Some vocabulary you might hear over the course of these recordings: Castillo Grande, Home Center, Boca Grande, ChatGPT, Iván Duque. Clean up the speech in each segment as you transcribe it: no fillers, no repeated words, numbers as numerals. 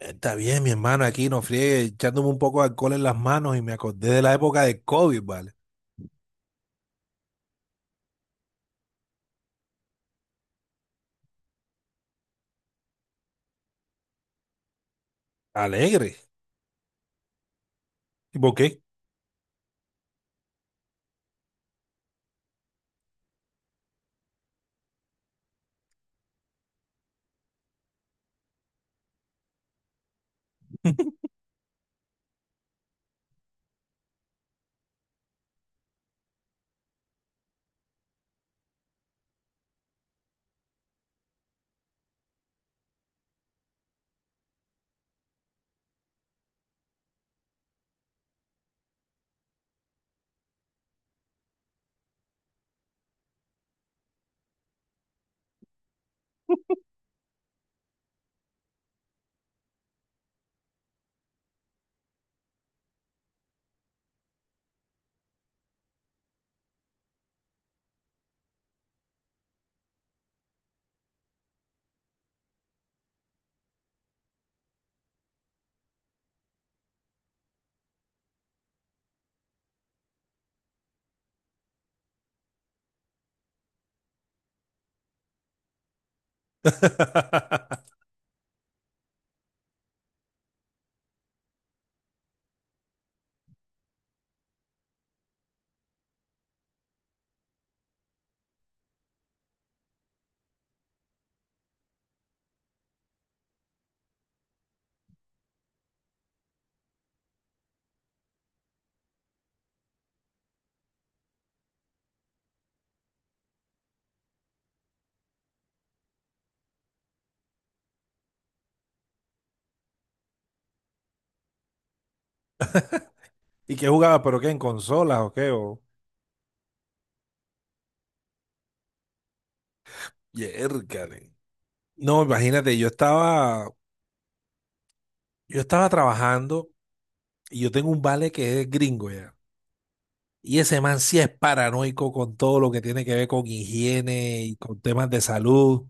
Está bien, mi hermano, aquí no friegue, echándome un poco de alcohol en las manos y me acordé de la época de COVID, ¿vale? Alegre. ¿Y por qué? ¿Y qué jugaba? ¿Pero qué? ¿En consolas o qué? O. Yércale. No, imagínate, yo estaba trabajando y yo tengo un vale que es gringo ya. Y ese man sí es paranoico con todo lo que tiene que ver con higiene y con temas de salud.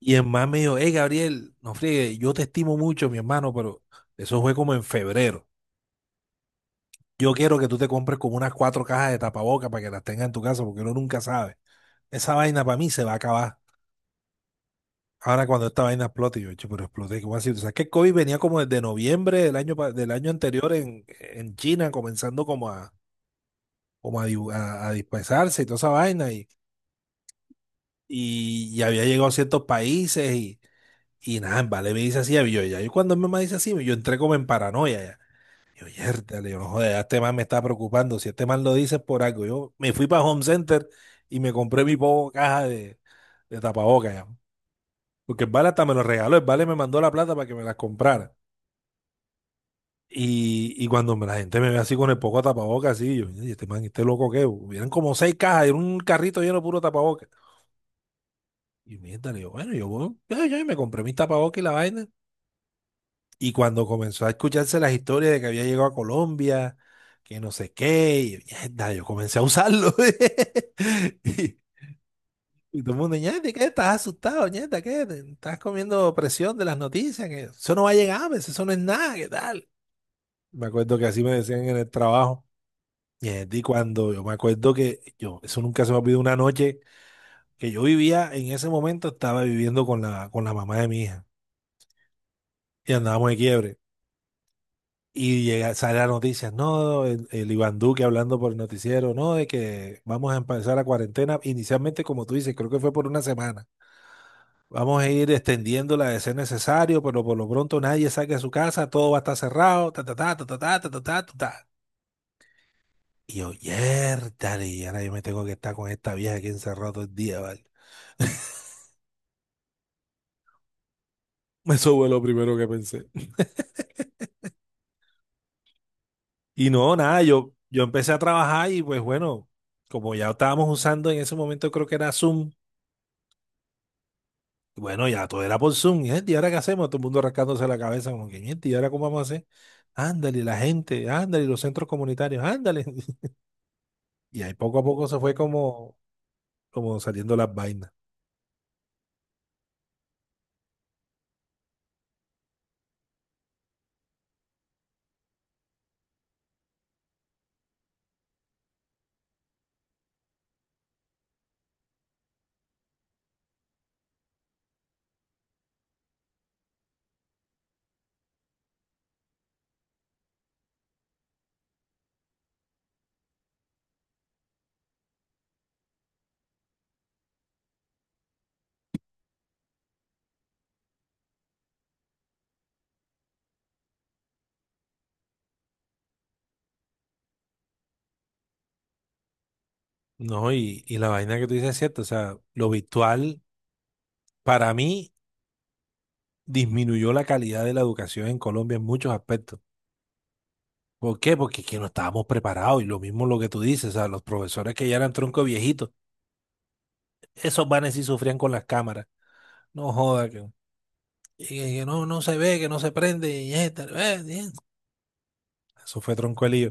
Y el man me dijo, hey Gabriel, no friegue, yo te estimo mucho, mi hermano, pero eso fue como en febrero. Yo quiero que tú te compres como unas cuatro cajas de tapabocas para que las tengas en tu casa, porque uno nunca sabe. Esa vaina para mí se va a acabar. Ahora cuando esta vaina explote, yo, "Che, pero explote, ¿cómo así? O sea, que el COVID venía como desde noviembre del año, del año anterior en, China, comenzando como a dispersarse y toda esa vaina, y, y había llegado a ciertos países, y nada, en Vale me dice así, yo, ya, yo cuando mi mamá dice así, yo entré como en paranoia. Yo, yértale, yo no joder, ya este man me está preocupando. Si este man lo dice es por algo. Yo me fui para Home Center y me compré mi poco caja de tapabocas ya. Porque el Vale hasta me lo regaló. El Vale me mandó la plata para que me las comprara. Y cuando la gente me ve así con el poco de tapabocas, así, yo, "Oye, este man, este loco que, hubieran como seis cajas, era un carrito lleno de puro tapabocas. Y miértale, yo, bueno, yo, voy, ya, me compré mis tapabocas y la vaina. Y cuando comenzó a escucharse las historias de que había llegado a Colombia, que no sé qué, y mierda, yo comencé a usarlo. Y, y todo el mundo, ñate, ¿qué? ¿Estás asustado, ñata? ¿Qué? ¿Estás comiendo presión de las noticias? Que eso no va a llegar, pues, eso no es nada, ¿qué tal? Me acuerdo que así me decían en el trabajo. Ñeta, y cuando yo me acuerdo que yo, eso nunca se me olvidó una noche que yo vivía, en ese momento estaba viviendo con con la mamá de mi hija y andábamos de quiebre. Y llega, sale la noticia, no, el Iván Duque hablando por el noticiero, no, de que vamos a empezar la cuarentena, inicialmente como tú dices, creo que fue por una semana. Vamos a ir extendiéndola de ser necesario, pero por lo pronto nadie saque a su casa, todo va a estar cerrado, ta, ta, ta, ta, ta, ta, ta, ta, ta, ta, ta". Y yo, "Yértale, y ahora yo me tengo que estar con esta vieja aquí encerrado todo el día, ¿vale? Eso fue lo primero que pensé. Y no, nada, yo empecé a trabajar y pues bueno, como ya estábamos usando en ese momento, creo que era Zoom. Bueno, ya todo era por Zoom. Y, gente, ¿y ahora qué hacemos? Todo el mundo rascándose la cabeza, como que, gente, ¿y ahora cómo vamos a hacer? Ándale, la gente, ándale, los centros comunitarios, ándale. Y ahí poco a poco se fue como, saliendo las vainas. No, y la vaina que tú dices es cierta. O sea, lo virtual, para mí, disminuyó la calidad de la educación en Colombia en muchos aspectos. ¿Por qué? Porque es que no estábamos preparados. Y lo mismo lo que tú dices, o sea, los profesores que ya eran tronco viejitos, esos vanes sí sufrían con las cámaras. No joda, que. Y que no, no se ve, que no se prende, y esta, bien. Eso fue tronco de lío.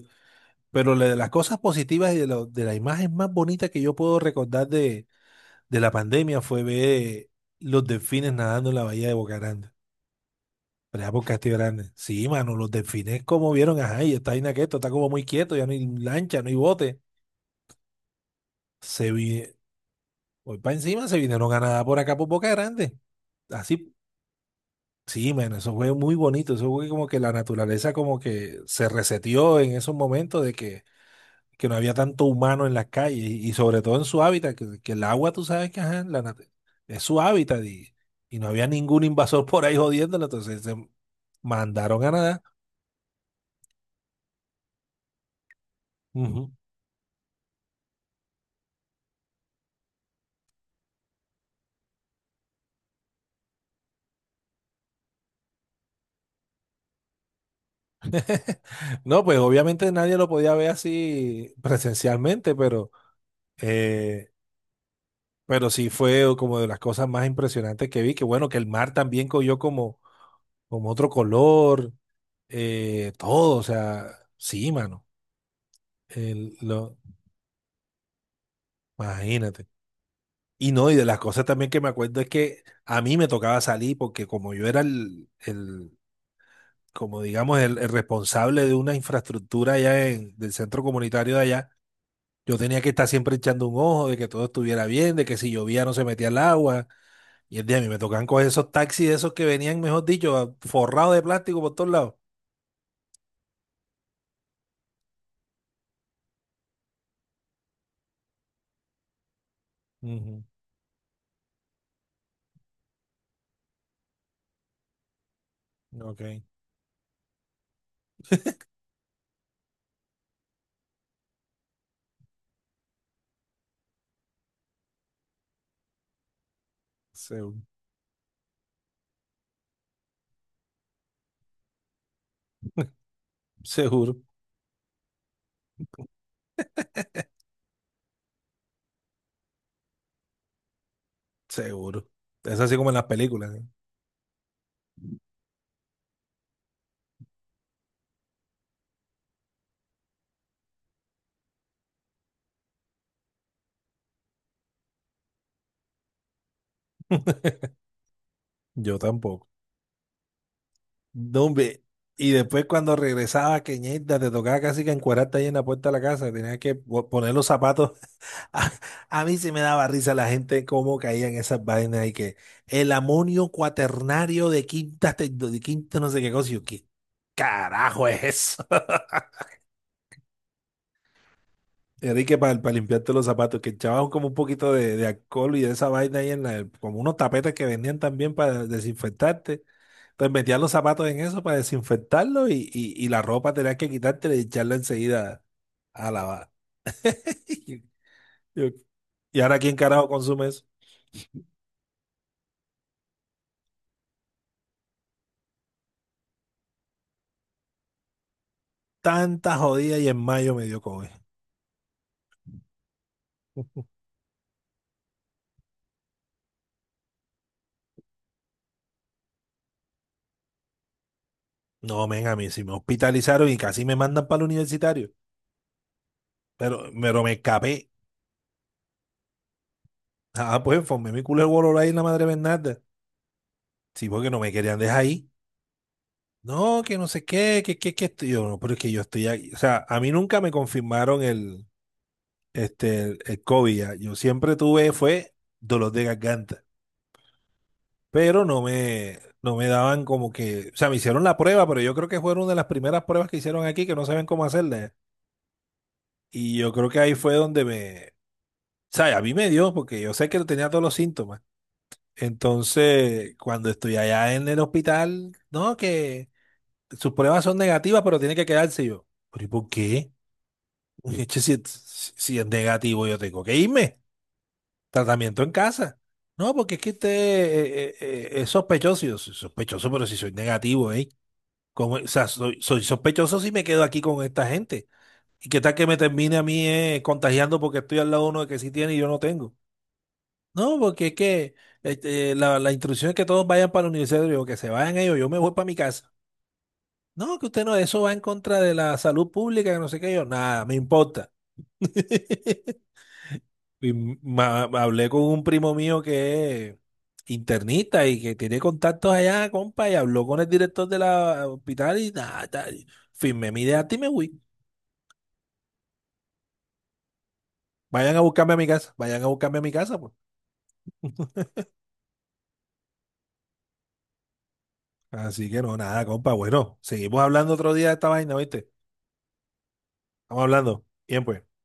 Pero la de las cosas positivas y de, de la imagen más bonita que yo puedo recordar de, la pandemia fue ver los delfines nadando en la bahía de Boca Grande, por allá por Castillo Grande. Sí, mano, los delfines como vieron, ajá, y está ahí esto, está como muy quieto, ya no hay lancha, no hay bote. Se vi, hoy para encima se vinieron a nadar por acá por Boca Grande. Así. Sí, man, eso fue muy bonito, eso fue como que la naturaleza como que se reseteó en esos momentos de que, no había tanto humano en las calles y sobre todo en su hábitat, que el agua tú sabes que ajá, es su hábitat y no había ningún invasor por ahí jodiéndolo, entonces se mandaron a nadar. Ujú. No, pues obviamente nadie lo podía ver así presencialmente, eh, pero sí fue como de las cosas más impresionantes que vi, que bueno, que el mar también cogió como otro color, todo, o sea, sí, mano, el- lo, imagínate. Y no, y de las cosas también que me acuerdo es que a mí me tocaba salir porque como yo era el como digamos, el responsable de una infraestructura allá del centro comunitario de allá, yo tenía que estar siempre echando un ojo de que todo estuviera bien, de que si llovía no se metía el agua. Y el día a mí me tocaban coger esos taxis, de esos que venían, mejor dicho, forrados de plástico por todos lados. Ujú, ok, seguro. Seguro. Seguro. Es así como en las películas, ¿eh? Yo tampoco. No, hombre. Y después cuando regresaba, que ñerda, te tocaba casi que encuerarte ahí en la puerta de la casa, tenías que poner los zapatos. A, a mí sí me daba risa la gente cómo caían esas vainas y que el amonio cuaternario de quinta, de quinta no sé qué cosa, y yo, ¿qué carajo es eso? Enrique, para, limpiarte los zapatos, que echaban como un poquito de alcohol y de esa vaina ahí en la, como unos tapetes que vendían también para desinfectarte. Entonces metías los zapatos en eso para desinfectarlo y la ropa tenías que quitártela y echarla enseguida a lavar. Yo- Y ahora, ¿quién carajo consume eso? Tanta jodida y en mayo me dio COVID. No, men, a mí sí me hospitalizaron y casi me mandan para el universitario. Pero me escapé. Ah, pues formé mi culo el bolor ahí en la madre Bernarda. Sí, porque no me querían dejar ahí. No, que no sé qué, que estoy yo. No, pero es que yo estoy aquí. O sea, a mí nunca me confirmaron el COVID ya. Yo siempre tuve, fue dolor de garganta, pero no me daban como que, o sea, me hicieron la prueba, pero yo creo que fueron una de las primeras pruebas que hicieron aquí que no saben cómo hacerla. Ya. Y yo creo que ahí fue donde me, o sea, a mí me dio, porque yo sé que tenía todos los síntomas. Entonces, cuando estoy allá en el hospital, no, que sus pruebas son negativas, pero tiene que quedarse. Y yo. ¿Pero y por qué? Che, si es negativo, yo tengo que irme. Tratamiento en casa. No, porque es que usted es sospechoso. Y yo, "Soy sospechoso, pero si soy negativo, ¿eh? Como, o sea, soy sospechoso si me quedo aquí con esta gente. ¿Y qué tal que me termine a mí contagiando porque estoy al lado de uno que sí tiene y yo no tengo? No, porque es que la instrucción es que todos vayan para la universidad, yo, que se vayan ellos, yo me voy para mi casa. No, que usted no, eso va en contra de la salud pública, que no sé qué, yo, nada, me importa. Y hablé con un primo mío que es internista y que tiene contactos allá, compa, y habló con el director de la hospital y nada, tal. Firmé mi idea y me fui. Vayan a buscarme a mi casa, vayan a buscarme a mi casa, pues. Así que no, nada, compa, bueno, seguimos hablando otro día de esta vaina, ¿viste? Estamos hablando. Bien, pues.